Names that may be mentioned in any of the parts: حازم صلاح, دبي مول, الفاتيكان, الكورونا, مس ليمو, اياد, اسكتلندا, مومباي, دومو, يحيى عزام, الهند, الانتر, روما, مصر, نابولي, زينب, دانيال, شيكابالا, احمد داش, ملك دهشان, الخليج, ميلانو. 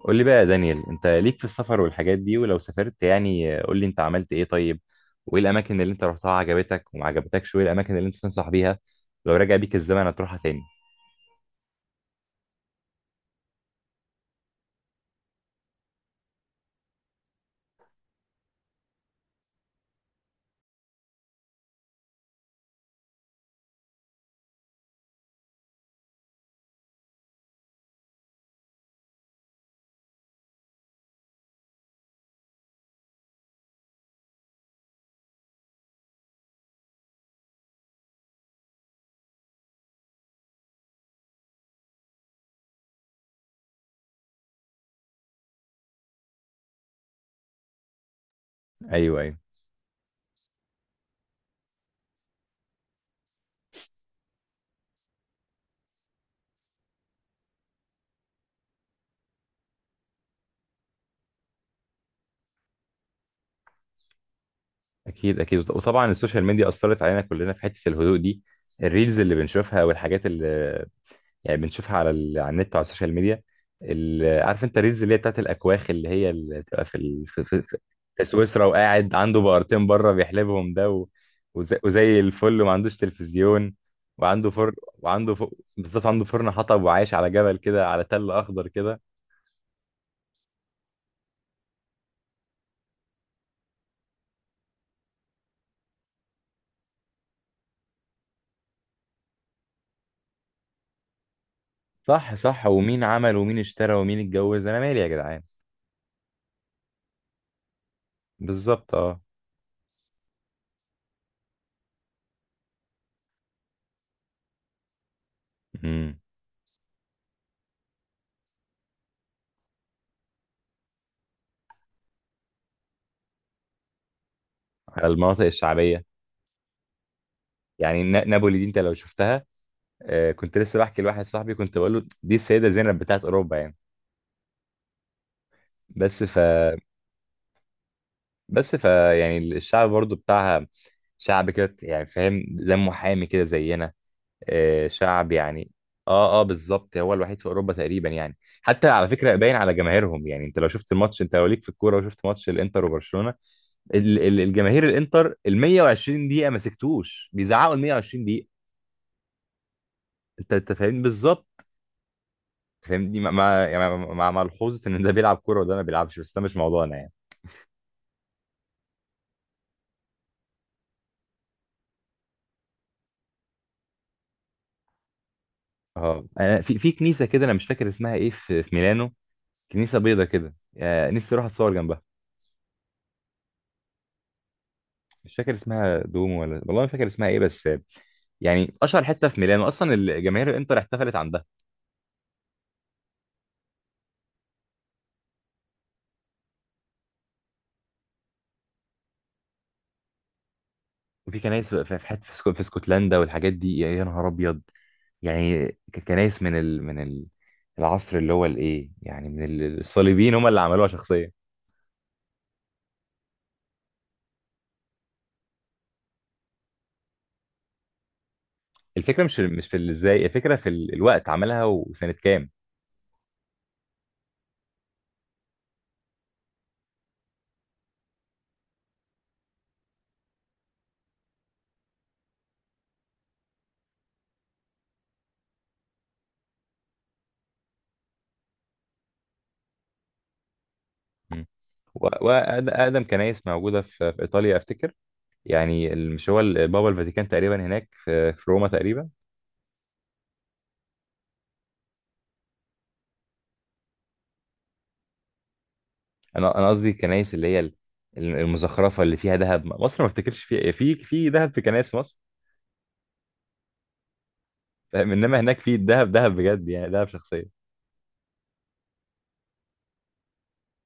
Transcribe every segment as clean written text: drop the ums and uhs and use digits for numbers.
قول لي بقى يا دانيال، انت ليك في السفر والحاجات دي، ولو سافرت يعني قول لي انت عملت ايه؟ طيب وايه الاماكن اللي انت رحتها عجبتك وما عجبتكش؟ وايه الاماكن اللي انت تنصح بيها لو رجع بيك الزمن هتروحها تاني؟ ايوه ايوه. اكيد اكيد، وط- وطبعا السوشيال ميديا اثرت علينا كلنا في حتة الهدوء دي. الريلز اللي بنشوفها والحاجات اللي يعني بنشوفها على على النت وعلى السوشيال ميديا. عارف انت الريلز اللي هي بتاعت الاكواخ، اللي هي اللي بتبقى في في سويسرا، وقاعد عنده بقرتين بره بيحلبهم ده، و... وزي... وزي الفل، وما عندوش تلفزيون وعنده فرن بالظبط. عنده فرن حطب وعايش على جبل كده، على تل اخضر كده. صح صح، ومين عمل ومين اشترى ومين اتجوز، انا مالي يا جدعان؟ بالظبط، اه. امم. على المناطق الشعبيه. يعني نابولي دي انت لو شفتها، آه، كنت لسه بحكي لواحد صاحبي كنت بقول له دي السيدة زينب بتاعت أوروبا يعني. بس ف بس يعني الشعب برضو بتاعها. شعب كده يعني، فاهم، دمه حامي كده زينا. آه، شعب يعني. اه اه بالظبط، هو الوحيد في أوروبا تقريبا يعني. حتى على فكرة باين على جماهيرهم، يعني انت لو شفت الماتش، انت لو ليك في الكورة وشفت ماتش الانتر وبرشلونة، الجماهير الانتر ال 120 دقيقة ما سكتوش، بيزعقوا ال 120 دقيقة. انت فاهم بالظبط، فاهمني. مع مع يعني مع مع ملحوظه ان ده بيلعب كوره وده ما بيلعبش، بس ده مش موضوعنا يعني. اه، انا في كنيسه كده، انا مش فاكر اسمها ايه، في ميلانو. كنيسه بيضه كده، آه، نفسي اروح اتصور جنبها. مش فاكر اسمها دومو ولا، والله ما فاكر اسمها ايه، بس آه، يعني اشهر حته في ميلانو اصلا، الجماهير الانتر احتفلت عندها. وفي كنايس في حته في اسكتلندا والحاجات دي، يا يا نهار ابيض يعني. كنايس من العصر اللي هو الايه يعني، من الصليبيين هم اللي عملوها شخصيا. الفكره مش في ازاي، الفكره في الوقت عملها وسنه كام. مم. واقدم كنايس موجوده في ايطاليا افتكر، يعني ال- مش هو ال- بابا الفاتيكان تقريبا هناك في روما تقريبا. انا قصدي الكنايس اللي هي المزخرفه اللي فيها ذهب. مصر ما افتكرش فيها، في ذهب في كنايس في مصر، فاهم، انما هناك في ذهب ذهب بجد يعني، ذهب شخصيه.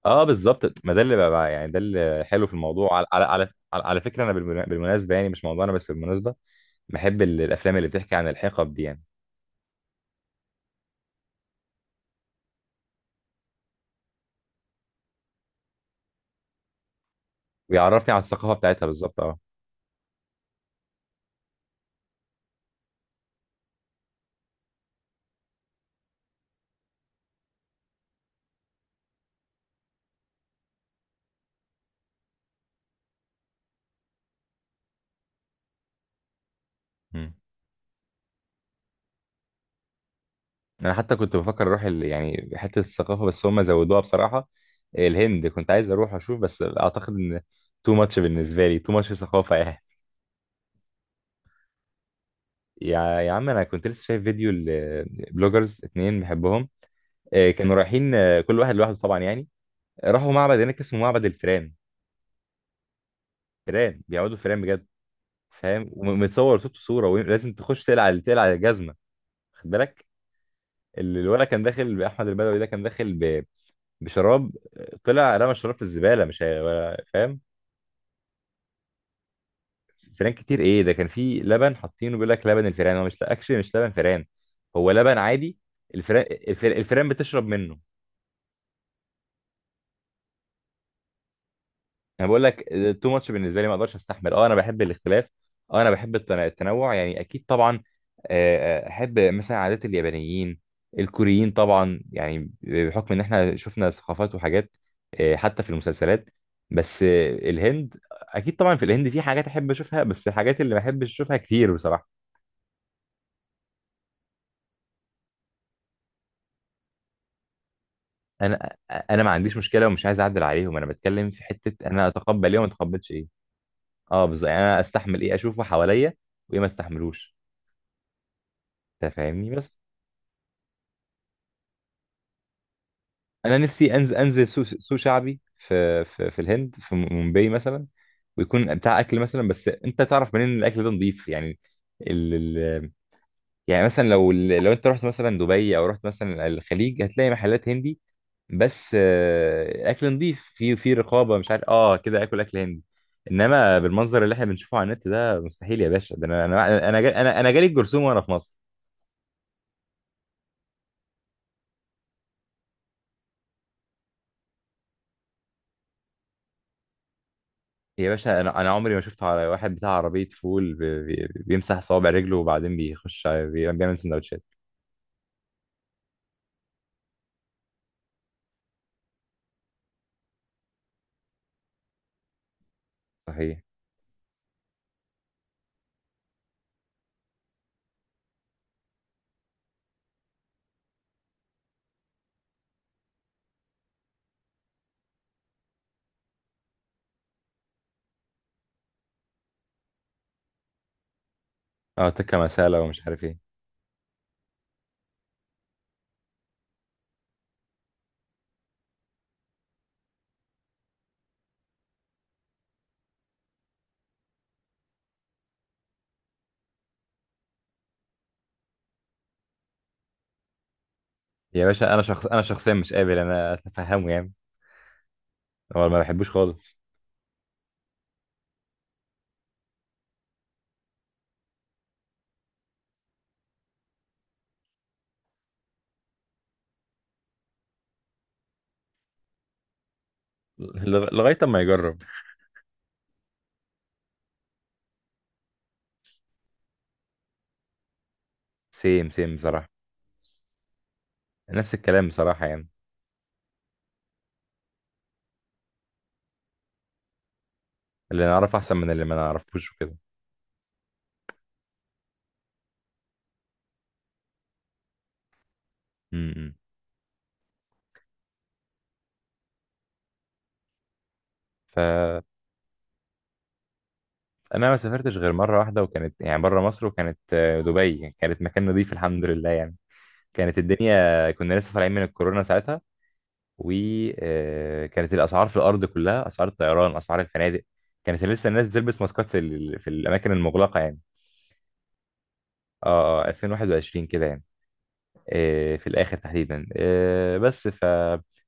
اه بالظبط، ما ده اللي يعني ده اللي حلو في الموضوع. على على فكره، انا بالمناسبه يعني، مش موضوعنا بس بالمناسبه، بحب الافلام اللي بتحكي عن الحقب دي يعني. بيعرفني على الثقافة بتاعتها بالظبط، اه. مم. انا حتى كنت بفكر اروح يعني حتة الثقافة، بس هم زودوها بصراحة. الهند كنت عايز اروح اشوف، بس اعتقد ان تو ماتش بالنسبة لي، تو ماتش ثقافة يعني. يا عم، انا كنت لسه شايف فيديو البلوجرز اتنين بحبهم، آه، كانوا رايحين آه، كل واحد لوحده طبعا يعني. راحوا معبد هناك اسمه معبد الفيران. فيران بيعبدوا فيران بجد، فاهم، ومتصور صوته صورة، ولازم تخش تقلع تقلع الجزمة. خد بالك، الولد كان داخل باحمد البدوي، ده كان داخل بشراب، طلع رمى الشراب في الزباله مش هي فاهم. فران كتير، ايه ده، كان في لبن حاطينه بيقول لك لبن الفئران، هو مش اكشلي مش لبن فئران، هو لبن عادي. الفئران الفئران بتشرب منه. انا بقول لك تو ماتش بالنسبه لي، ما اقدرش استحمل، اه. انا بحب الاختلاف، اه، انا بحب التنوع يعني، اكيد طبعا. آه، آه، احب مثلا عادات اليابانيين الكوريين طبعا، يعني بحكم ان احنا شفنا ثقافات وحاجات، آه، حتى في المسلسلات. بس آه، الهند اكيد طبعا، في الهند في حاجات احب اشوفها، بس الحاجات اللي ما احبش اشوفها كتير بصراحه. انا آه، انا ما عنديش مشكله ومش عايز اعدل عليهم، انا بتكلم في حته انا اتقبل ايه وما اتقبلش ايه. اه بالظبط يعني، انا استحمل ايه اشوفه حواليا وايه ما استحملوش. انت فاهمني بس. انا نفسي انزل سوق شعبي في الهند، في مومباي مثلا، ويكون بتاع اكل مثلا، بس انت تعرف منين ان الاكل ده نظيف يعني؟ ال ال يعني مثلا لو انت رحت مثلا دبي او رحت مثلا الخليج، هتلاقي محلات هندي بس آه، اكل نظيف، في في رقابه، مش عارف، اه كده، اكل اكل هندي. انما بالمنظر اللي احنا بنشوفه على النت ده مستحيل يا باشا. ده انا جالي الجرثومه وانا في مصر. يا باشا، انا عمري ما شفت على واحد بتاع عربيه فول بيمسح صوابع رجله وبعدين بيخش بيعمل سندوتشات. صحيح، اه. تكه مساله ومش عارف ايه. يا باشا انا شخص، انا شخصيا مش قابل انا اتفهمه يعني، هو ما بحبوش خالص. لغايه اما يجرب. سيم سيم بصراحه، نفس الكلام بصراحه يعني. اللي نعرفه احسن من اللي ما نعرفوش وكده. امم. فانا ما سافرتش غير مره واحده، وكانت يعني بره مصر، وكانت آه، دبي. كانت مكان نظيف الحمد لله يعني. كانت الدنيا كنا لسه طالعين من الكورونا ساعتها، وكانت الاسعار في الارض كلها، اسعار الطيران اسعار الفنادق، كانت لسه الناس بتلبس ماسكات في الاماكن المغلقه يعني. اه اه 2021 كده يعني، آه، في الاخر تحديدا، آه، بس فكان.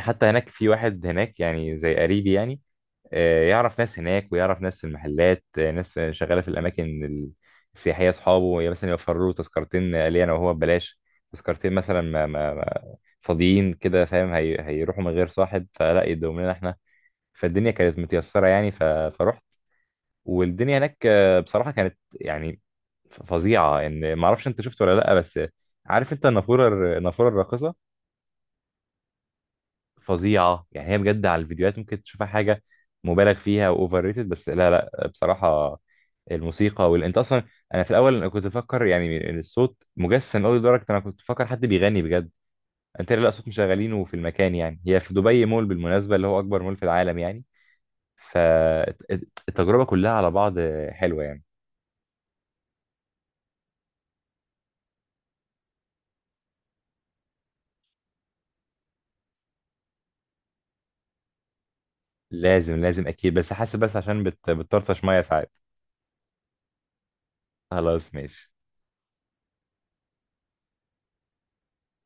حتى هناك في واحد هناك يعني زي قريبي يعني، آه، يعرف ناس هناك ويعرف ناس في المحلات، آه، ناس شغاله في الاماكن السياحيه، اصحابه مثلا يوفروا له تذكرتين ليا انا وهو ببلاش، تذكرتين مثلا فاضيين كده فاهم، هيروحوا من غير صاحب فلا يدوم لنا احنا، فالدنيا كانت متيسرة يعني، فرحت. والدنيا هناك آه، بصراحة كانت يعني فظيعة ان ما اعرفش، انت شفت ولا لا، بس عارف انت النافورة النافورة الراقصة؟ فظيعة يعني، هي بجد على الفيديوهات ممكن تشوفها حاجة مبالغ فيها واوفر ريتد، بس لا لا، بصراحة الموسيقى انت اصلا، انا في الاول انا كنت بفكر يعني إن الصوت مجسم قوي، لدرجة انا كنت بفكر حد بيغني بجد. انت لا، صوت مشغلينه في المكان، يعني هي في دبي مول بالمناسبة، اللي هو اكبر مول في العالم يعني. فالتجربة كلها على بعض حلوة يعني. لازم لازم أكيد، بس حاسس بس عشان بتطرطش مية ساعات. خلاص ماشي.